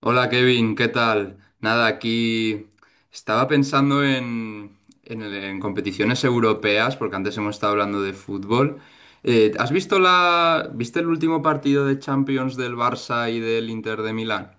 Hola Kevin, ¿qué tal? Nada, aquí estaba pensando en competiciones europeas, porque antes hemos estado hablando de fútbol. ¿Has visto viste el último partido de Champions del Barça y del Inter de Milán?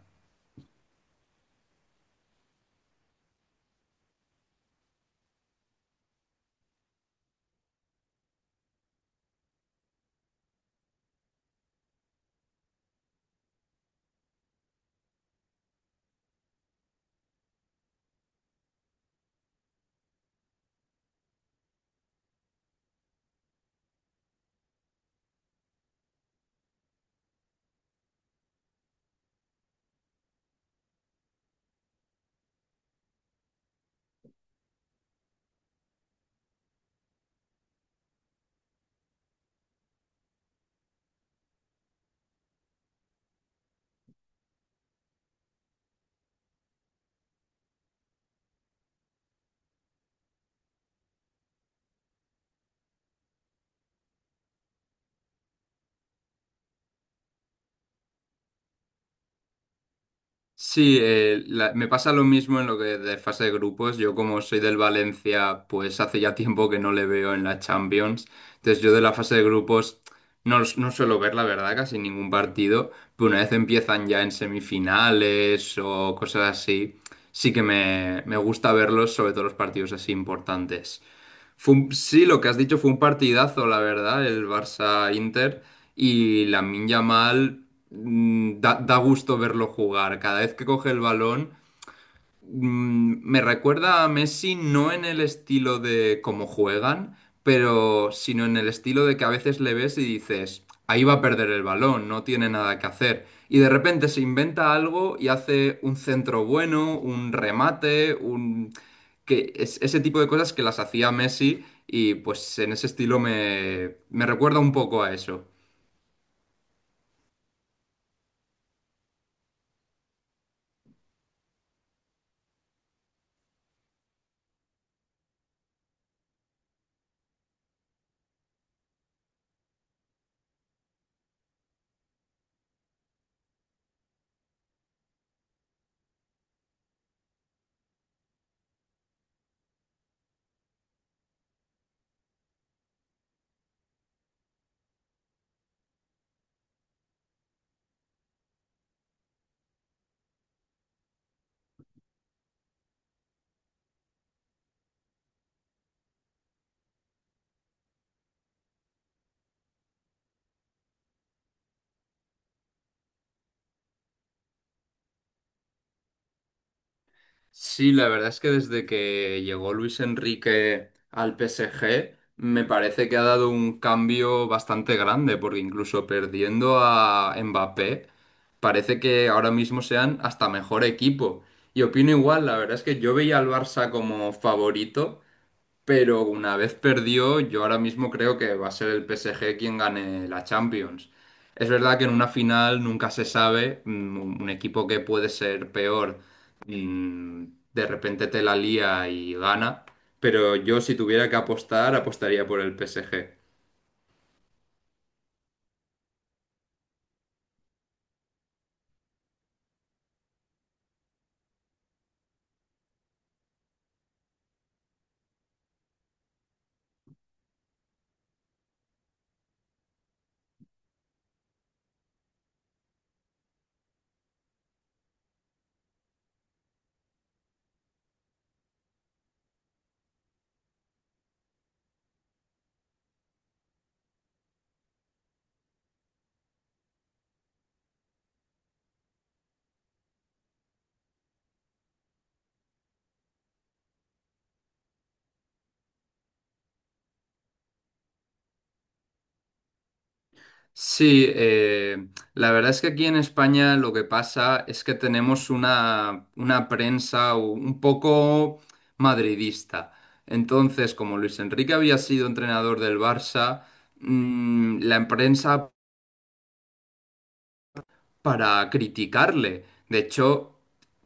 Sí, me pasa lo mismo en lo que de fase de grupos. Yo como soy del Valencia, pues hace ya tiempo que no le veo en la Champions. Entonces yo de la fase de grupos no, no suelo ver, la verdad, casi ningún partido. Pero una vez empiezan ya en semifinales o cosas así, sí que me gusta verlos, sobre todo los partidos así importantes. Sí, lo que has dicho fue un partidazo, la verdad, el Barça-Inter. Y Lamine Yamal da gusto verlo jugar. Cada vez que coge el balón, me recuerda a Messi no en el estilo de cómo juegan, pero sino en el estilo de que a veces le ves y dices, ahí va a perder el balón, no tiene nada que hacer. Y de repente se inventa algo y hace un centro bueno, un remate, que es ese tipo de cosas que las hacía Messi y pues en ese estilo me recuerda un poco a eso. Sí, la verdad es que desde que llegó Luis Enrique al PSG, me parece que ha dado un cambio bastante grande, porque incluso perdiendo a Mbappé, parece que ahora mismo sean hasta mejor equipo. Y opino igual, la verdad es que yo veía al Barça como favorito, pero una vez perdió, yo ahora mismo creo que va a ser el PSG quien gane la Champions. Es verdad que en una final nunca se sabe, un equipo que puede ser peor, mm, de repente te la lía y gana, pero yo si tuviera que apostar, apostaría por el PSG. Sí, la verdad es que aquí en España lo que pasa es que tenemos una prensa un poco madridista. Entonces, como Luis Enrique había sido entrenador del Barça, la prensa para criticarle. De hecho,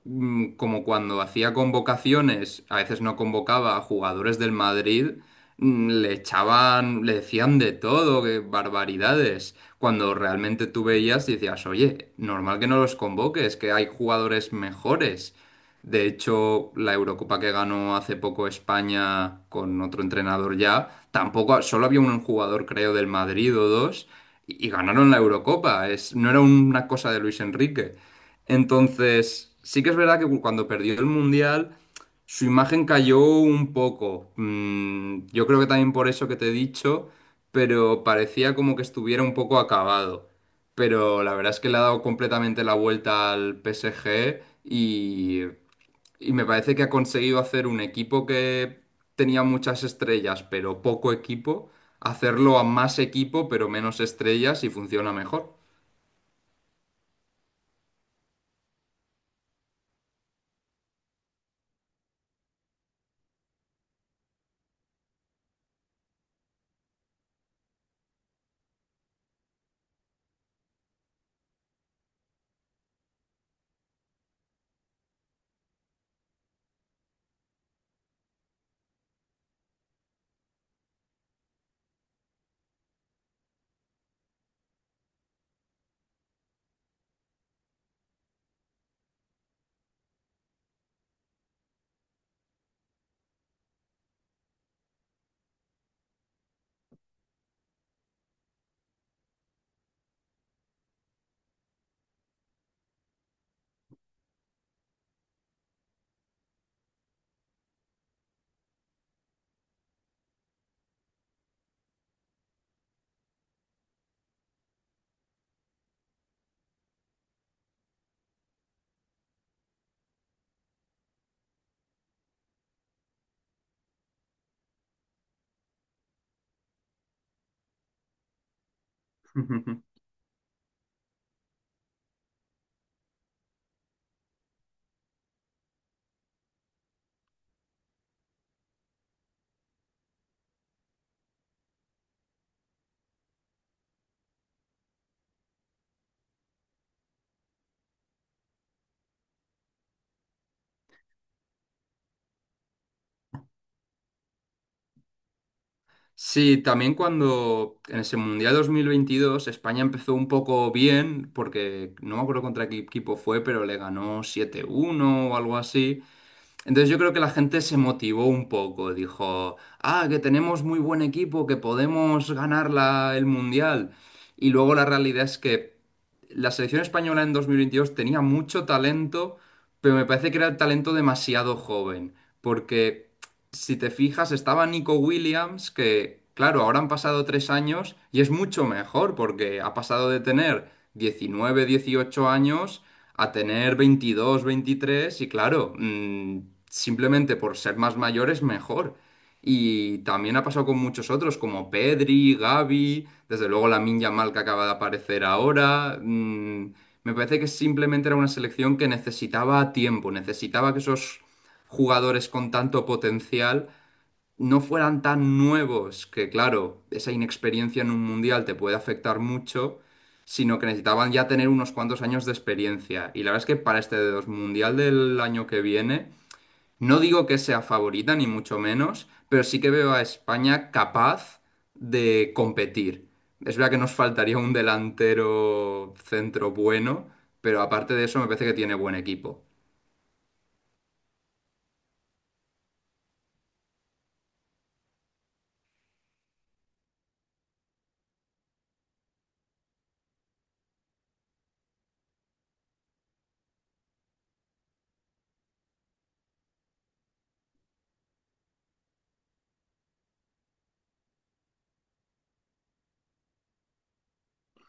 como cuando hacía convocaciones, a veces no convocaba a jugadores del Madrid, le echaban, le decían de todo, que barbaridades. Cuando realmente tú veías y decías, oye, normal que no los convoques, que hay jugadores mejores. De hecho, la Eurocopa que ganó hace poco España con otro entrenador ya, tampoco, solo había un jugador, creo, del Madrid o dos y ganaron la Eurocopa. No era una cosa de Luis Enrique. Entonces, sí que es verdad que cuando perdió el Mundial, su imagen cayó un poco. Yo creo que también por eso que te he dicho, pero parecía como que estuviera un poco acabado. Pero la verdad es que le ha dado completamente la vuelta al PSG y me parece que ha conseguido hacer un equipo que tenía muchas estrellas, pero poco equipo, hacerlo a más equipo, pero menos estrellas y funciona mejor. Sí, también cuando en ese Mundial 2022 España empezó un poco bien, porque no me acuerdo contra qué equipo fue, pero le ganó 7-1 o algo así. Entonces yo creo que la gente se motivó un poco, dijo, ah, que tenemos muy buen equipo, que podemos ganar el Mundial. Y luego la realidad es que la selección española en 2022 tenía mucho talento, pero me parece que era el talento demasiado joven, porque si te fijas, estaba Nico Williams, que claro, ahora han pasado 3 años y es mucho mejor, porque ha pasado de tener 19, 18 años a tener 22 23 y claro, simplemente por ser más mayores mejor. Y también ha pasado con muchos otros como Pedri, Gavi, desde luego la Yamal que acaba de aparecer ahora. Me parece que simplemente era una selección que necesitaba tiempo, necesitaba que esos jugadores con tanto potencial no fueran tan nuevos, que claro, esa inexperiencia en un mundial te puede afectar mucho, sino que necesitaban ya tener unos cuantos años de experiencia. Y la verdad es que para este de dos mundial del año que viene, no digo que sea favorita, ni mucho menos, pero sí que veo a España capaz de competir. Es verdad que nos faltaría un delantero centro bueno, pero aparte de eso me parece que tiene buen equipo.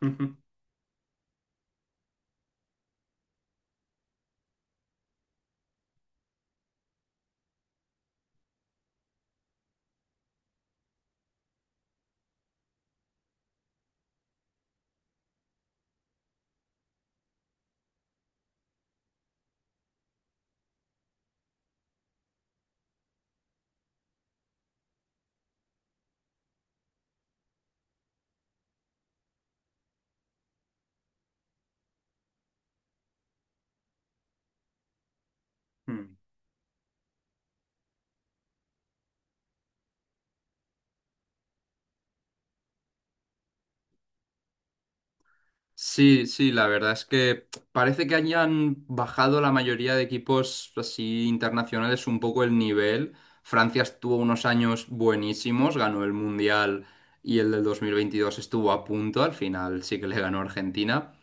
Sí, sí, la verdad es que parece que hayan bajado la mayoría de equipos así internacionales un poco el nivel. Francia estuvo unos años buenísimos, ganó el Mundial y el del 2022 estuvo a punto, al final sí que le ganó Argentina,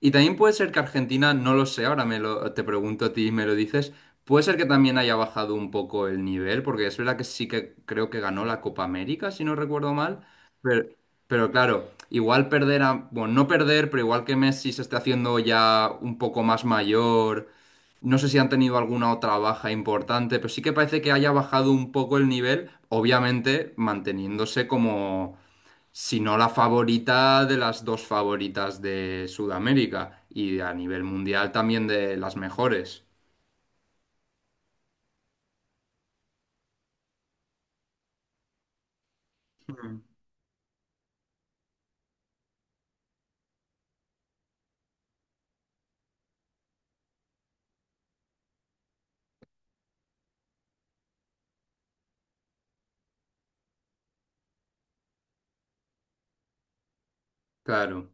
y también puede ser que Argentina, no lo sé, ahora te pregunto a ti y me lo dices, puede ser que también haya bajado un poco el nivel, porque es verdad que sí que creo que ganó la Copa América, si no recuerdo mal, pero, pero claro, igual perder a, bueno, no perder, pero igual que Messi se está haciendo ya un poco más mayor, no sé si han tenido alguna otra baja importante, pero sí que parece que haya bajado un poco el nivel, obviamente manteniéndose como si no la favorita de las dos favoritas de Sudamérica y a nivel mundial también de las mejores. Mm. Claro,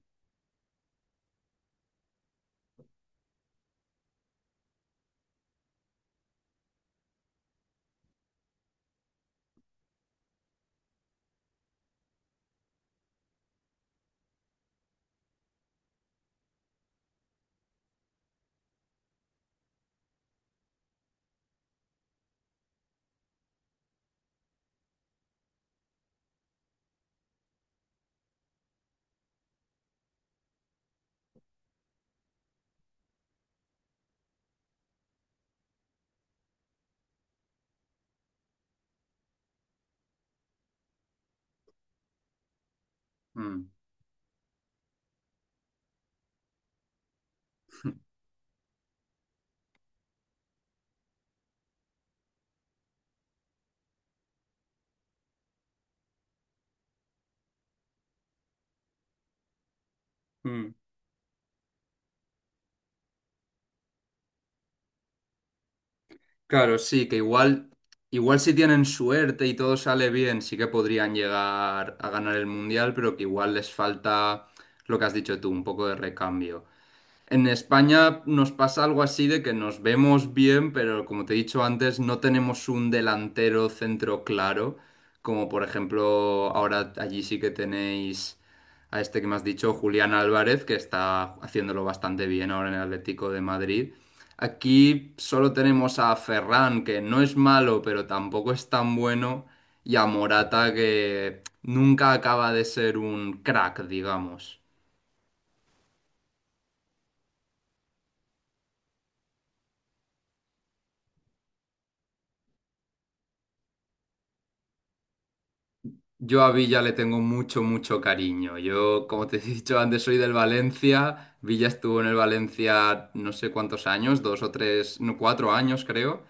mm, mm. Claro, sí, que igual si tienen suerte y todo sale bien, sí que podrían llegar a ganar el mundial, pero que igual les falta lo que has dicho tú, un poco de recambio. En España nos pasa algo así de que nos vemos bien, pero como te he dicho antes, no tenemos un delantero centro claro, como por ejemplo ahora allí sí que tenéis a este que me has dicho, Julián Álvarez, que está haciéndolo bastante bien ahora en el Atlético de Madrid. Aquí solo tenemos a Ferran, que no es malo, pero tampoco es tan bueno, y a Morata, que nunca acaba de ser un crack, digamos. Yo a Villa le tengo mucho, mucho cariño. Yo, como te he dicho antes, soy del Valencia. Villa estuvo en el Valencia no sé cuántos años, dos o tres, no, 4 años creo.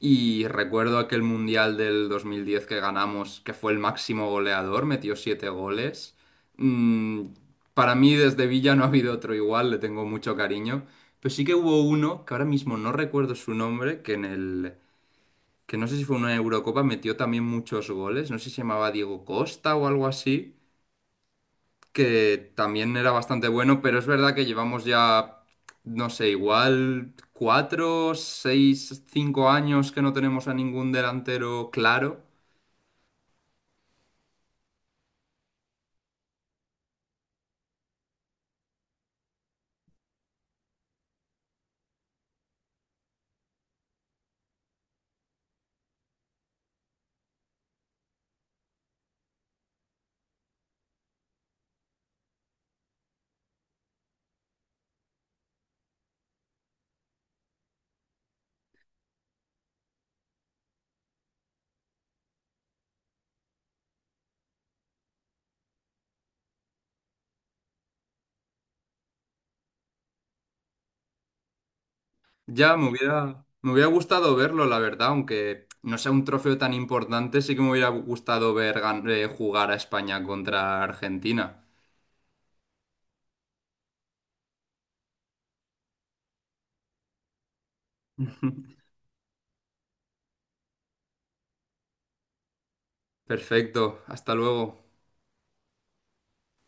Y recuerdo aquel Mundial del 2010 que ganamos, que fue el máximo goleador, metió siete goles. Mm, para mí desde Villa no ha habido otro igual, le tengo mucho cariño. Pero sí que hubo uno, que ahora mismo no recuerdo su nombre, que en el que no sé si fue una Eurocopa, metió también muchos goles, no sé si se llamaba Diego Costa o algo así, que también era bastante bueno, pero es verdad que llevamos ya, no sé, igual cuatro, seis, cinco años que no tenemos a ningún delantero claro. Ya me hubiera gustado verlo, la verdad, aunque no sea un trofeo tan importante, sí que me hubiera gustado ver jugar a España contra Argentina. Perfecto, hasta luego.